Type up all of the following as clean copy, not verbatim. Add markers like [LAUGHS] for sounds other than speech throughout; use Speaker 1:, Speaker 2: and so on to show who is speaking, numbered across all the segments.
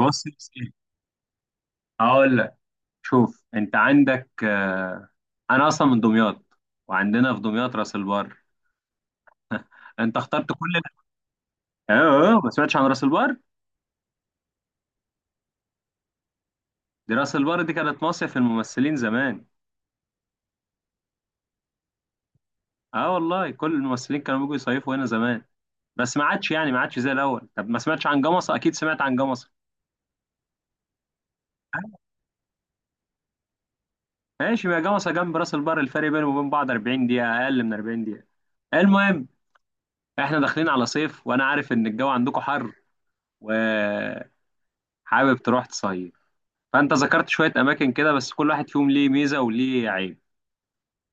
Speaker 1: بص يا سيدي، هقول لك. شوف، انت عندك انا اصلا من دمياط، وعندنا في دمياط راس البر. انت اخترت كل ده؟ اه، ما سمعتش عن راس البر. دي راس البر دي كانت مصيف الممثلين زمان. اه والله، كل الممثلين كانوا بيجوا يصيفوا هنا زمان. بس ما عادش، يعني ما عادش زي الاول. طب ما سمعتش عن جمصة؟ اكيد سمعت عن جمصة. ماشي، ما جمصة جنب راس البر، الفرق بينهم وبين بعض 40 دقيقة، أقل من 40 دقيقة. المهم، احنا داخلين على صيف وأنا عارف إن الجو عندكم حر و... حابب تروح تصيف. فانت ذكرت شويه اماكن كده، بس كل واحد فيهم ليه ميزه وليه عيب.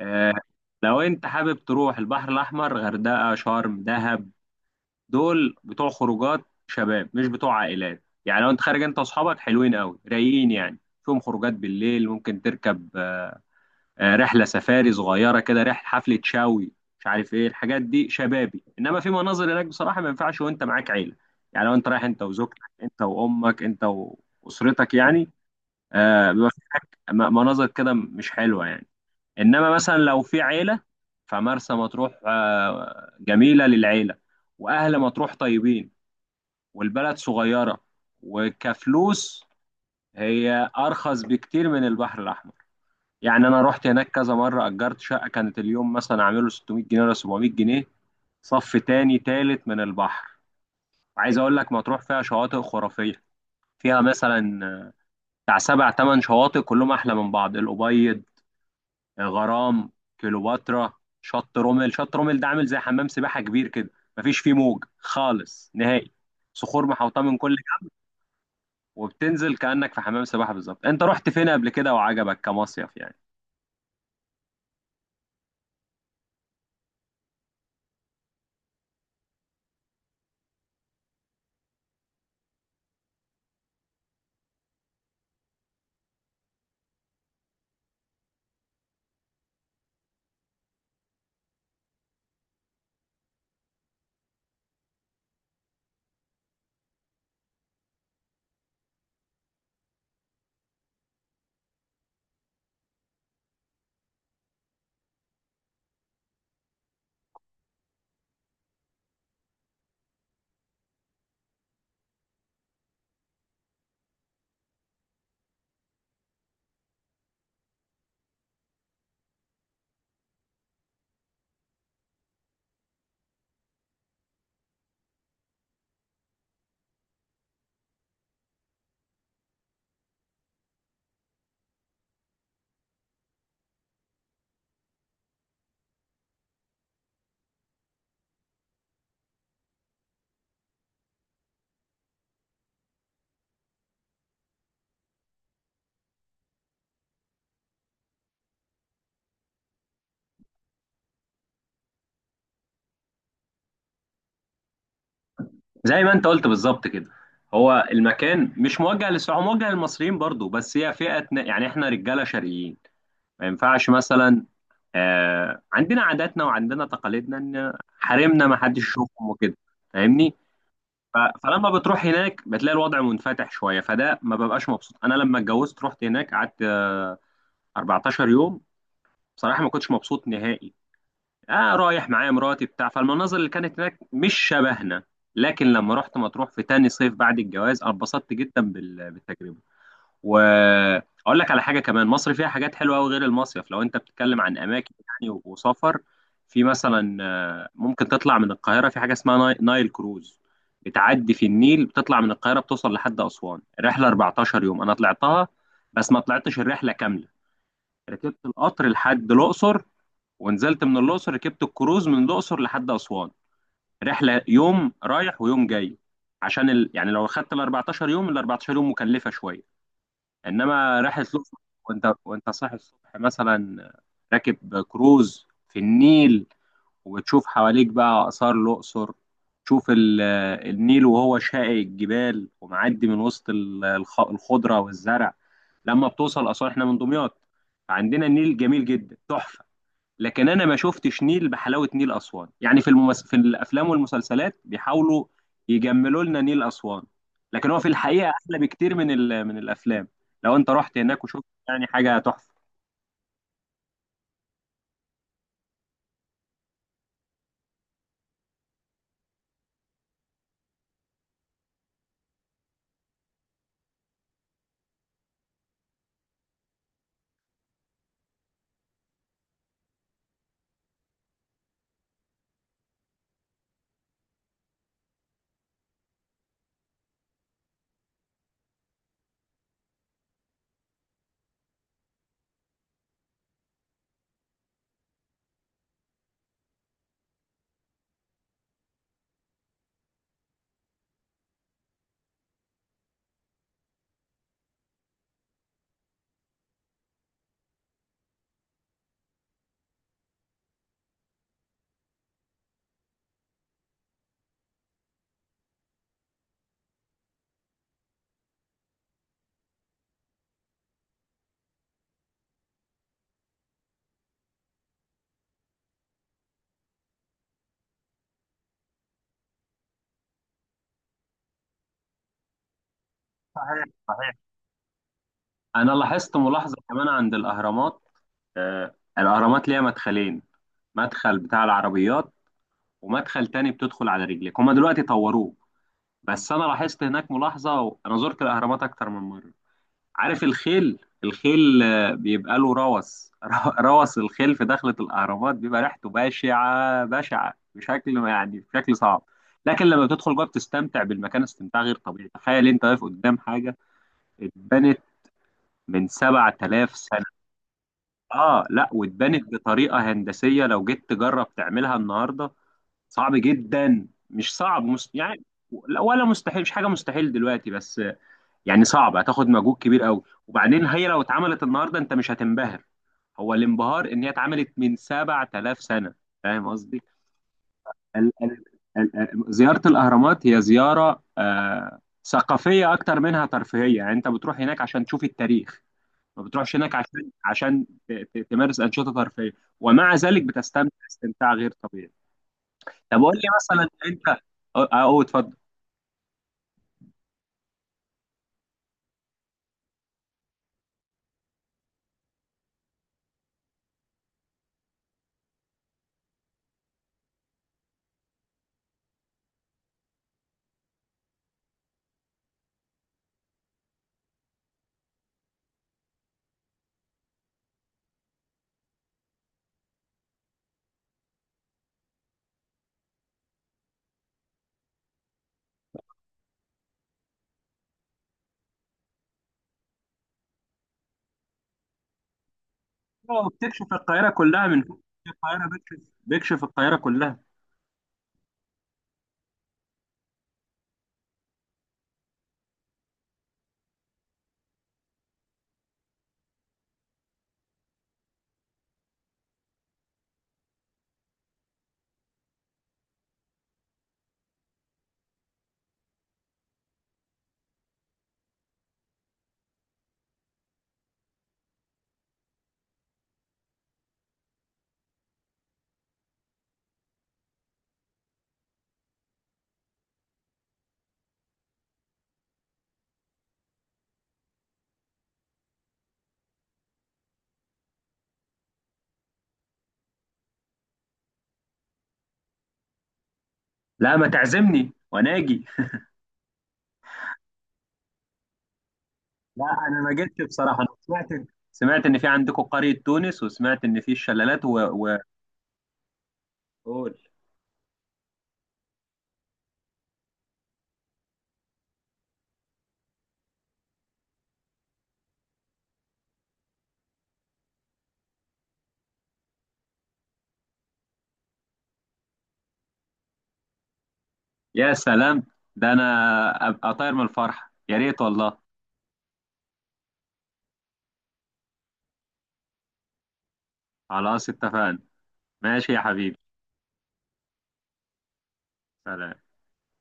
Speaker 1: آه لو انت حابب تروح البحر الاحمر، غردقه، شرم، دهب، دول بتوع خروجات شباب مش بتوع عائلات. يعني لو انت خارج انت واصحابك حلوين قوي رايقين، يعني فيهم خروجات بالليل، ممكن تركب رحله سفاري صغيره كده، رحله حفله شاوي، مش عارف ايه الحاجات دي، شبابي. انما في مناظر هناك بصراحه ما ينفعش وانت معاك عيله. يعني لو انت رايح انت وزوجتك، انت وامك، انت واسرتك يعني، بيبقى في مناظر كده مش حلوة يعني. إنما مثلا لو في عيلة، فمرسى مطروح جميلة للعيلة، وأهل مطروح طيبين، والبلد صغيرة وكفلوس، هي أرخص بكتير من البحر الأحمر. يعني أنا رحت هناك كذا مرة، أجرت شقة كانت اليوم مثلا عامله 600 جنيه ولا 700 جنيه، صف تاني تالت من البحر. عايز أقول لك، مطروح فيها شواطئ خرافية، فيها مثلا بتاع سبع تمن شواطئ كلهم أحلى من بعض: الأبيض، غرام، كليوباترا، شط رومل. شط رومل ده عامل زي حمام سباحه كبير كده، مفيش فيه موج خالص نهائي، صخور محوطه من كل جهه، وبتنزل كانك في حمام سباحه بالظبط. انت رحت فين قبل كده وعجبك كمصيف يعني؟ زي ما انت قلت بالظبط كده، هو المكان مش موجه للسعوديين، موجه للمصريين برضو. بس هي فئه يعني احنا رجاله شرقيين، ما ينفعش مثلا. عندنا عاداتنا وعندنا تقاليدنا ان حريمنا ما حدش يشوفهم وكده، فاهمني؟ فلما بتروح هناك بتلاقي الوضع منفتح شويه، فده ما ببقاش مبسوط. انا لما اتجوزت رحت هناك، قعدت 14 يوم. بصراحه ما كنتش مبسوط نهائي. اه، رايح معايا مراتي بتاع، فالمناظر اللي كانت هناك مش شبهنا. لكن لما رحت مطروح في تاني صيف بعد الجواز، أنا اتبسطت جدا بالتجربه. واقول لك على حاجه كمان، مصر فيها حاجات حلوه قوي غير المصيف. لو انت بتتكلم عن اماكن يعني وسفر، في مثلا، ممكن تطلع من القاهره في حاجه اسمها نايل كروز، بتعدي في النيل، بتطلع من القاهره بتوصل لحد اسوان، الرحله 14 يوم. انا طلعتها بس ما طلعتش الرحله كامله، ركبت القطر لحد الاقصر، ونزلت من الاقصر ركبت الكروز من الاقصر لحد اسوان، رحله يوم رايح ويوم جاي. عشان يعني لو خدت ال 14 يوم، ال 14 يوم مكلفه شويه. انما رحله الاقصر، وانت صاحي الصبح مثلا راكب كروز في النيل، وبتشوف حواليك بقى اثار الاقصر، تشوف النيل وهو شاقي الجبال ومعدي من وسط الخضره والزرع. لما بتوصل اسوان، احنا من دمياط فعندنا النيل جميل جدا تحفه، لكن انا ما شفتش نيل بحلاوه نيل اسوان. يعني في الافلام والمسلسلات بيحاولوا يجملوا لنا نيل اسوان، لكن هو في الحقيقه احلى بكتير من الافلام. لو انت رحت هناك وشفت، يعني حاجه تحفه. صحيح صحيح. انا لاحظت ملاحظه كمان عند الاهرامات. الاهرامات ليها مدخلين، مدخل بتاع العربيات ومدخل تاني بتدخل على رجلك، هما دلوقتي طوروه. بس انا لاحظت هناك ملاحظه، انا زرت الاهرامات اكتر من مره. عارف الخيل؟ الخيل بيبقى له روث. [LAUGHS] روث الخيل في دخلة الأهرامات بيبقى ريحته بشعة بشعة، بشكل يعني بشكل صعب. لكن لما بتدخل جوه بتستمتع بالمكان استمتاع غير طبيعي. تخيل انت واقف قدام حاجة اتبنت من 7000 سنة. اه لا، واتبنت بطريقة هندسية، لو جيت تجرب تعملها النهاردة صعب جدا، مش صعب يعني، ولا مستحيل. مش حاجة مستحيل دلوقتي، بس يعني صعب، هتاخد مجهود كبير قوي. وبعدين هي لو اتعملت النهارده انت مش هتنبهر، هو الانبهار ان هي اتعملت من 7000 سنه، فاهم قصدي؟ ال- ال- زياره الاهرامات هي زياره ثقافيه اكتر منها ترفيهيه. يعني انت بتروح هناك عشان تشوف التاريخ، ما بتروحش هناك عشان تمارس انشطه ترفيهيه. ومع ذلك بتستمتع استمتاع غير طبيعي. طب قول لي مثلا انت... اه اه، اتفضل. اه، بتكشف القاهره كلها من فوق. بتكشف القاهره بتكشف بيكشف القاهرة كلها. لا، ما تعزمني وانا اجي. لا، انا ما جيتش بصراحه. انا سمعت، سمعت ان في عندكم قريه تونس، وسمعت ان في الشلالات قول. يا سلام، ده انا ابقى طاير من الفرحه، يا ريت والله. خلاص اتفقنا، ماشي يا حبيبي. سلام.